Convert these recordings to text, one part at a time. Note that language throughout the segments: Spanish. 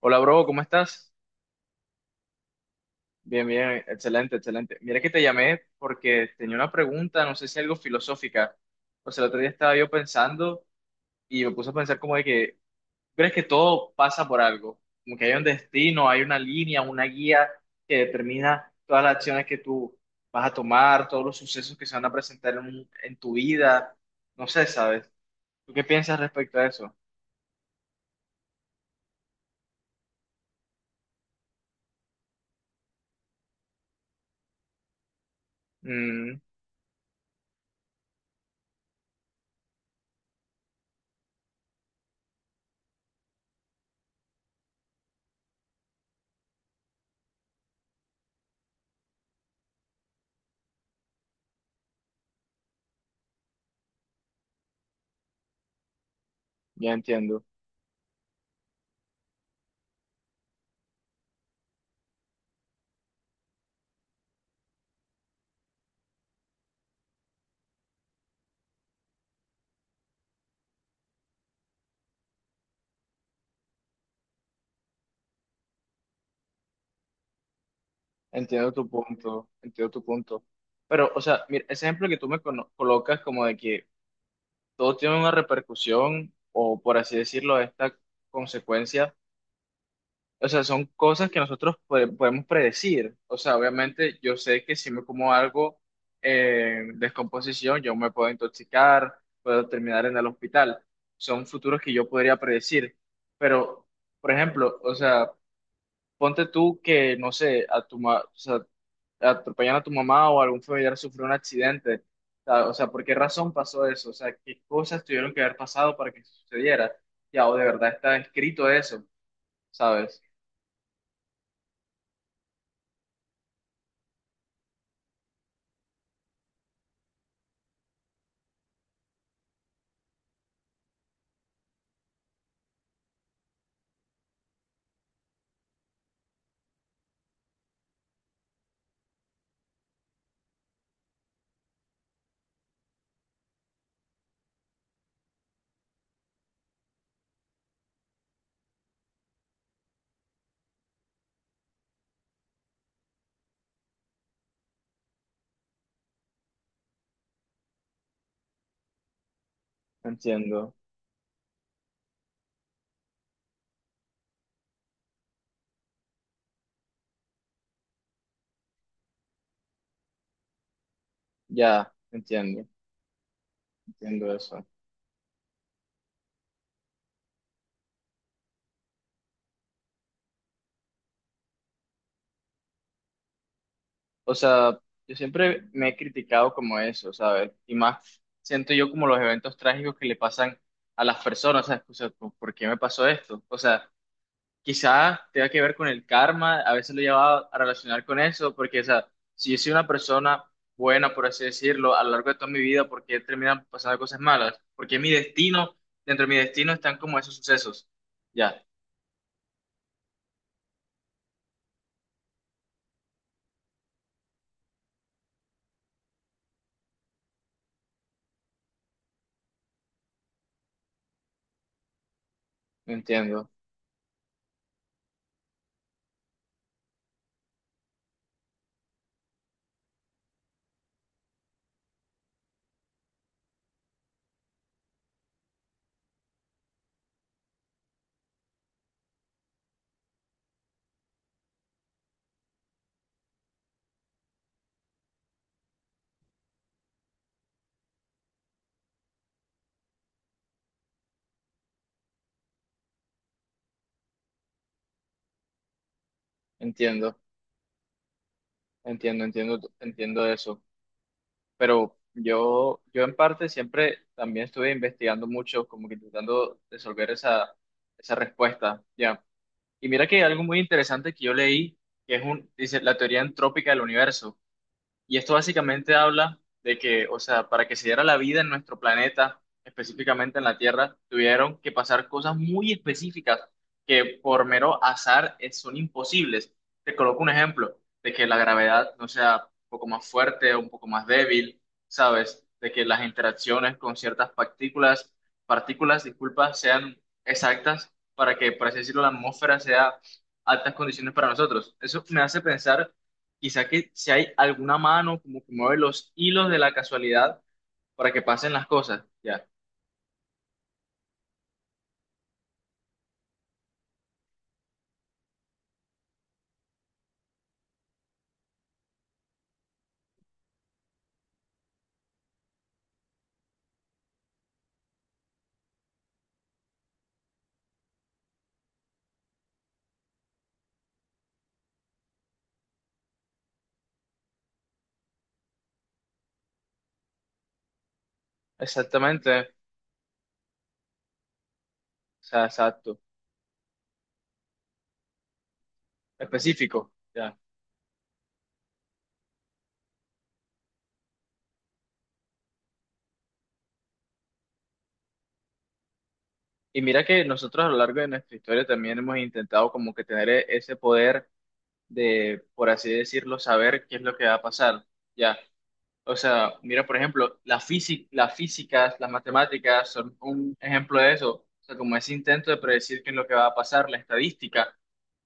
Hola, bro, ¿cómo estás? Bien, bien, excelente, excelente. Mira que te llamé porque tenía una pregunta, no sé si algo filosófica. Pues el otro día estaba yo pensando y me puse a pensar como de que, ¿crees que todo pasa por algo? Como que hay un destino, hay una línea, una guía que determina todas las acciones que tú vas a tomar, todos los sucesos que se van a presentar en tu vida. No sé, ¿sabes? ¿Tú qué piensas respecto a eso? Mm, ya entiendo. Entiendo tu punto, entiendo tu punto. Pero, o sea, mira, ese ejemplo que tú me colocas como de que todo tiene una repercusión o, por así decirlo, esta consecuencia, o sea, son cosas que nosotros podemos predecir. O sea, obviamente yo sé que si me como algo en descomposición, yo me puedo intoxicar, puedo terminar en el hospital. Son futuros que yo podría predecir. Pero, por ejemplo, o sea... Ponte tú que, no sé, a tu, o sea, atropellan a tu mamá o algún familiar sufrió un accidente. O sea, ¿por qué razón pasó eso? O sea, ¿qué cosas tuvieron que haber pasado para que sucediera? Ya, o de verdad está escrito eso, ¿sabes? Entiendo, ya, entiendo, entiendo eso. O sea, yo siempre me he criticado como eso, ¿sabes? Y más siento yo como los eventos trágicos que le pasan a las personas, ¿sabes? O sea, ¿por qué me pasó esto? O sea, quizás tenga que ver con el karma, a veces lo llevaba a relacionar con eso, porque, o sea, si yo soy una persona buena, por así decirlo, a lo largo de toda mi vida, ¿por qué terminan pasando cosas malas? Porque mi destino, dentro de mi destino están como esos sucesos. Ya, entiendo, entiendo, entiendo, entiendo, entiendo eso. Pero yo en parte siempre también estuve investigando mucho, como que intentando resolver esa, esa respuesta, ya. Y mira que algo muy interesante que yo leí, que es dice, la teoría entrópica del universo. Y esto básicamente habla de que, o sea, para que se diera la vida en nuestro planeta, específicamente en la Tierra, tuvieron que pasar cosas muy específicas que por mero azar son imposibles. Te coloco un ejemplo de que la gravedad no sea un poco más fuerte o un poco más débil, ¿sabes? De que las interacciones con ciertas partículas, partículas, disculpa, sean exactas para que, por así decirlo, la atmósfera sea altas condiciones para nosotros. Eso me hace pensar. Quizá que si hay alguna mano como que mueve los hilos de la casualidad para que pasen las cosas, ya. Exactamente, o sea, exacto, específico, ya. Y mira que nosotros a lo largo de nuestra historia también hemos intentado como que tener ese poder de, por así decirlo, saber qué es lo que va a pasar, ya. O sea, mira, por ejemplo, la física, las físicas, las matemáticas son un ejemplo de eso. O sea, como ese intento de predecir qué es lo que va a pasar, la estadística,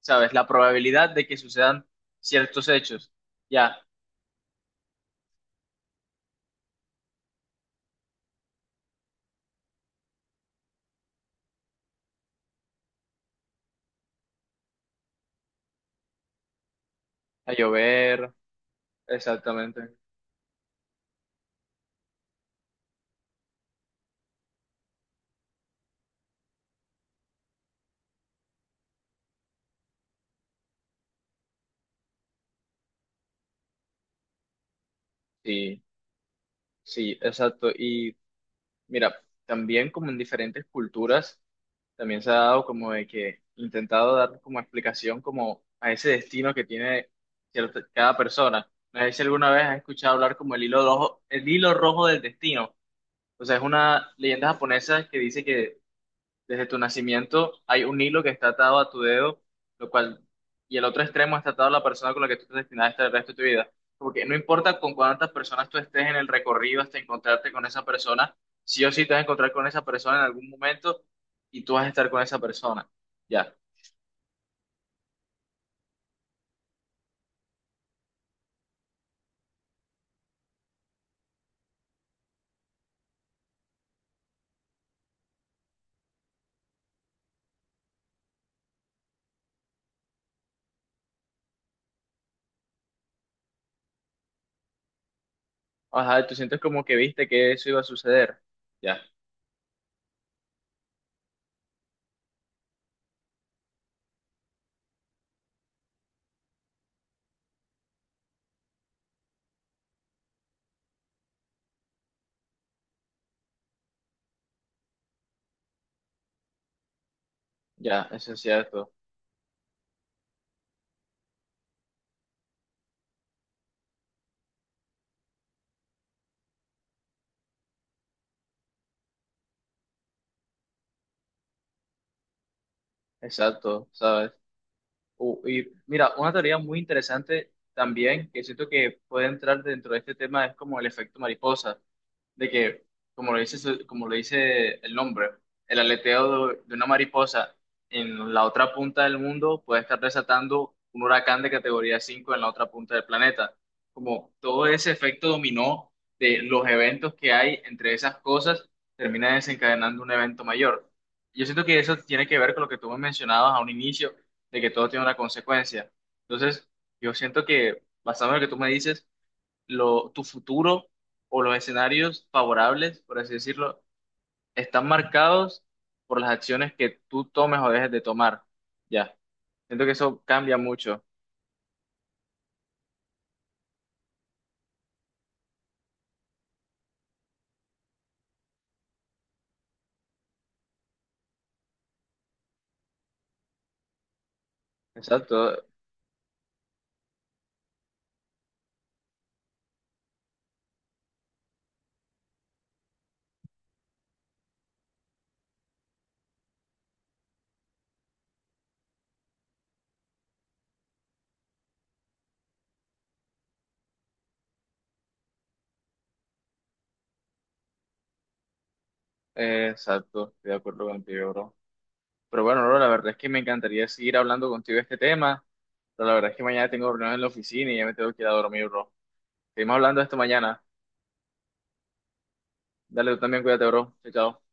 ¿sabes? La probabilidad de que sucedan ciertos hechos. Ya, a llover, exactamente. Sí, sí, exacto. Y mira, también como en diferentes culturas. También se ha dado como de que intentado dar como explicación como a ese destino que tiene cierta, cada persona. No sé si alguna vez has escuchado hablar como el hilo rojo del destino. O sea, es una leyenda japonesa que dice que desde tu nacimiento hay un hilo que está atado a tu dedo, lo cual, y el otro extremo está atado a la persona con la que tú estás destinada a estar el resto de tu vida. Porque no importa con cuántas personas tú estés en el recorrido hasta encontrarte con esa persona, sí o sí te vas a encontrar con esa persona en algún momento y tú vas a estar con esa persona. Ya. Ajá, tú sientes como que viste que eso iba a suceder. Ya, ya, eso es cierto. Exacto, ¿sabes? Y mira, una teoría muy interesante también que siento que puede entrar dentro de este tema es como el efecto mariposa de que, como lo dice, como lo dice el nombre, el aleteo de una mariposa en la otra punta del mundo puede estar desatando un huracán de categoría 5 en la otra punta del planeta. Como todo ese efecto dominó de los eventos que hay entre esas cosas, termina desencadenando un evento mayor. Yo siento que eso tiene que ver con lo que tú me mencionabas a un inicio, de que todo tiene una consecuencia. Entonces, yo siento que, basado en lo que tú me dices, lo, tu futuro o los escenarios favorables, por así decirlo, están marcados por las acciones que tú tomes o dejes de tomar. Ya, siento que eso cambia mucho. Exacto, exacto, estoy de acuerdo contigo, bro. Pero bueno, bro, la verdad es que me encantaría seguir hablando contigo de este tema, pero la verdad es que mañana tengo reunión en la oficina y ya me tengo que ir a dormir, bro. Seguimos hablando de esto mañana. Dale, tú también cuídate, bro. Chao, chao.